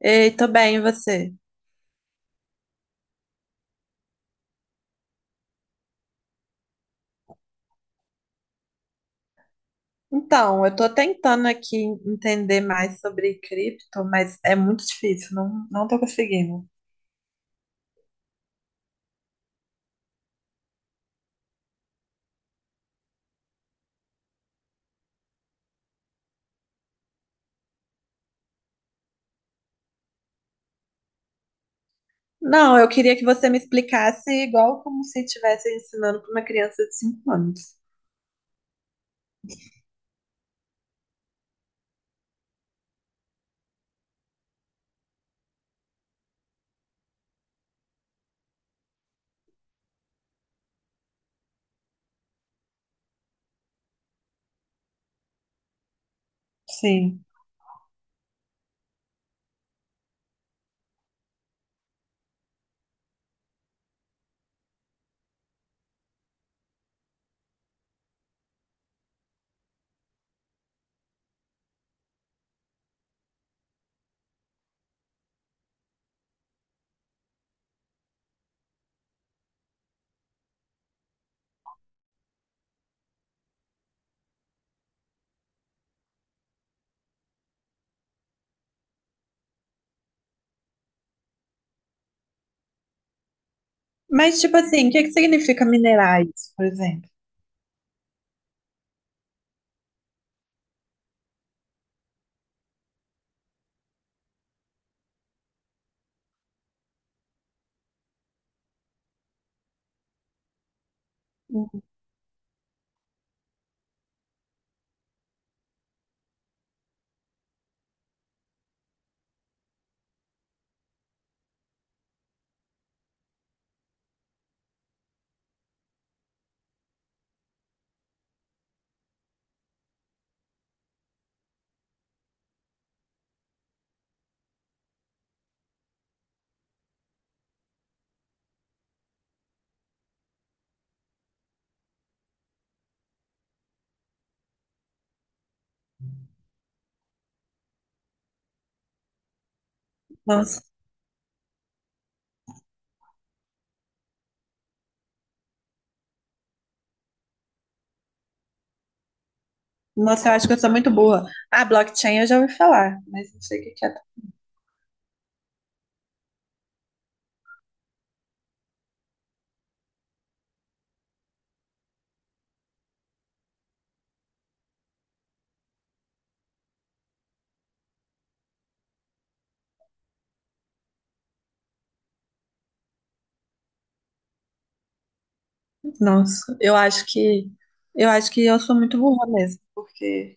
Ei, tô bem, e você? Então, eu tô tentando aqui entender mais sobre cripto, mas é muito difícil, não tô conseguindo. Não, eu queria que você me explicasse igual como se estivesse ensinando para uma criança de 5 anos. Sim. Mas, tipo assim, o que que significa minerar isso, por exemplo? Uhum. Nossa, nossa, eu acho que eu sou muito burra. Ah, blockchain eu já ouvi falar, mas não sei o que que é. Nossa, eu acho que eu sou muito burra mesmo, porque...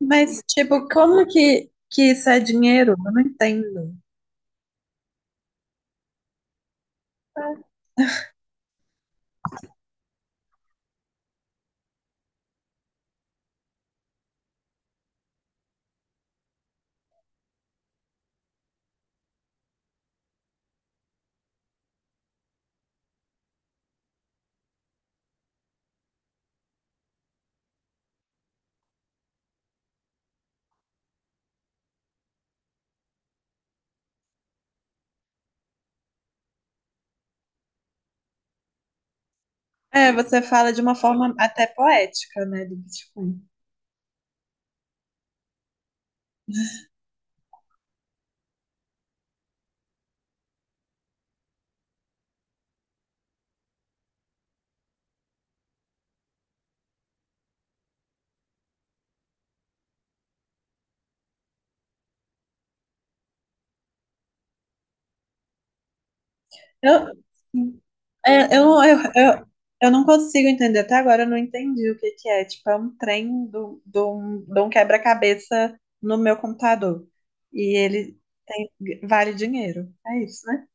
Mas, tipo, como que isso é dinheiro? Eu não entendo. É, você fala de uma forma até poética, né, do Bitcoin. Eu, é, eu, eu não consigo entender, até agora eu não entendi o que que é. Tipo, é um trem de um quebra-cabeça no meu computador. E ele vale dinheiro. É isso, né?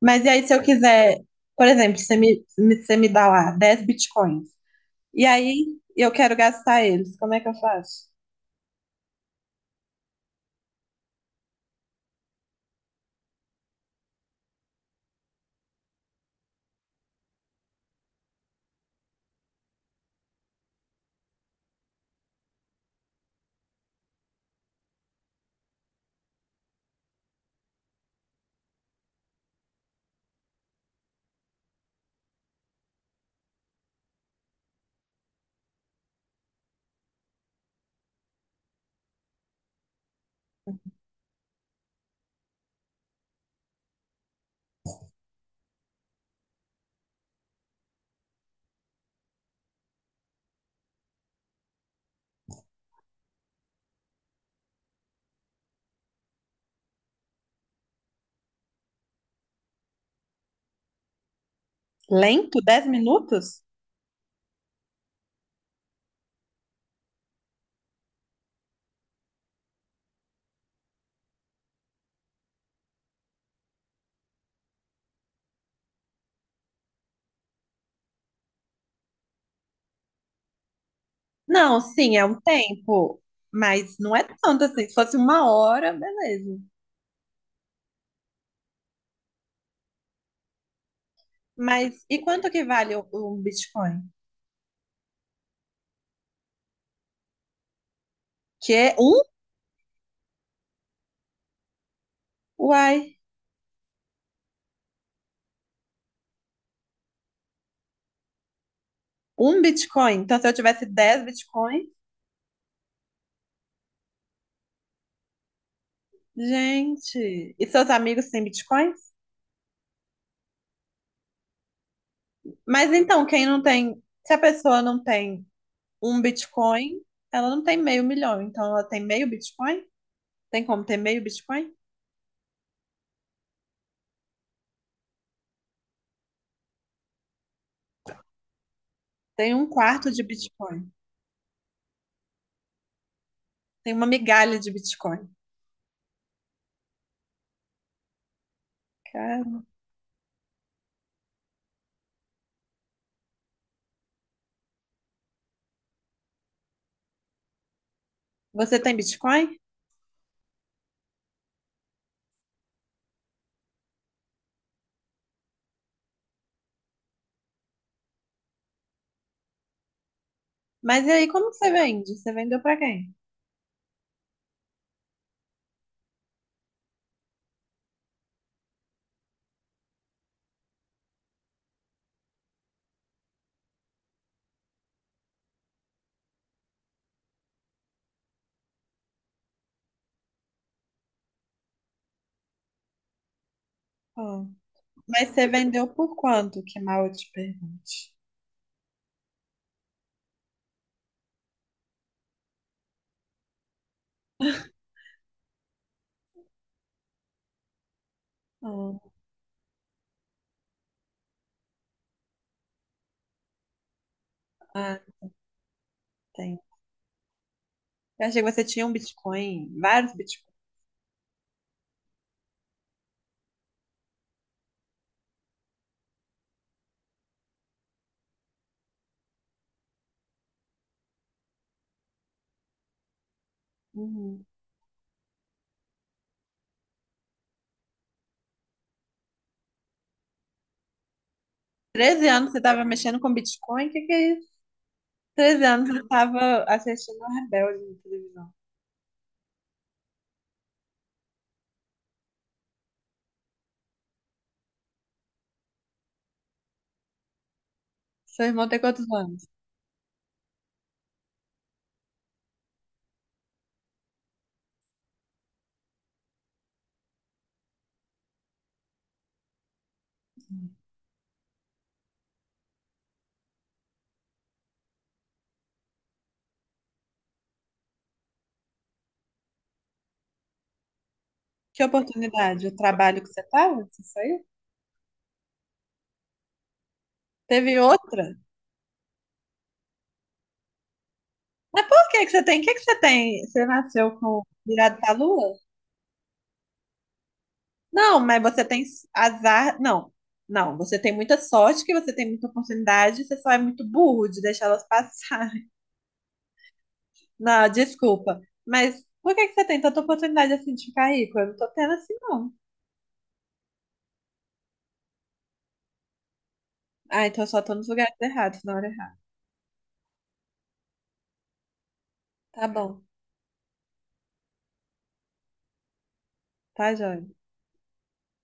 Mas e aí, se eu quiser, por exemplo, você me dá lá 10 bitcoins. E aí eu quero gastar eles, como é que eu faço? Lento? 10 minutos? Não, sim, é um tempo, mas não é tanto assim. Se fosse uma hora, beleza. Mas e quanto que vale um Bitcoin? Que é um? Uai, um Bitcoin. Então, se eu tivesse 10 Bitcoins, gente, e seus amigos têm Bitcoins? Mas então, quem não tem, se a pessoa não tem um Bitcoin, ela não tem meio milhão. Então, ela tem meio Bitcoin? Tem como ter meio Bitcoin? Tem um quarto de Bitcoin. Tem uma migalha de Bitcoin. Você tem Bitcoin? Mas e aí, como que você vende? Você vendeu pra quem? Ah, mas você vendeu por quanto? Que mal eu te pergunte. Ah, ah, tem. Eu achei que você tinha um Bitcoin, vários Bitcoins. Uhum. 13 anos você estava mexendo com Bitcoin? O que que é isso? 13 anos você estava assistindo a Rebelde na televisão. Seu irmão tem quantos anos? Que oportunidade? O trabalho que você estava? Você saiu? Teve outra? Mas por que que você tem? O que que você tem? Você nasceu com virado pra lua? Não, mas você tem azar. Não, não. Você tem muita sorte, que você tem muita oportunidade, você só é muito burro de deixar elas passarem. Não, desculpa. Mas por que que você tem tanta oportunidade assim de ficar rico? Eu não tô tendo assim, não. Ah, então eu só tô nos lugares errados, na hora errada. Tá bom, tá, joia.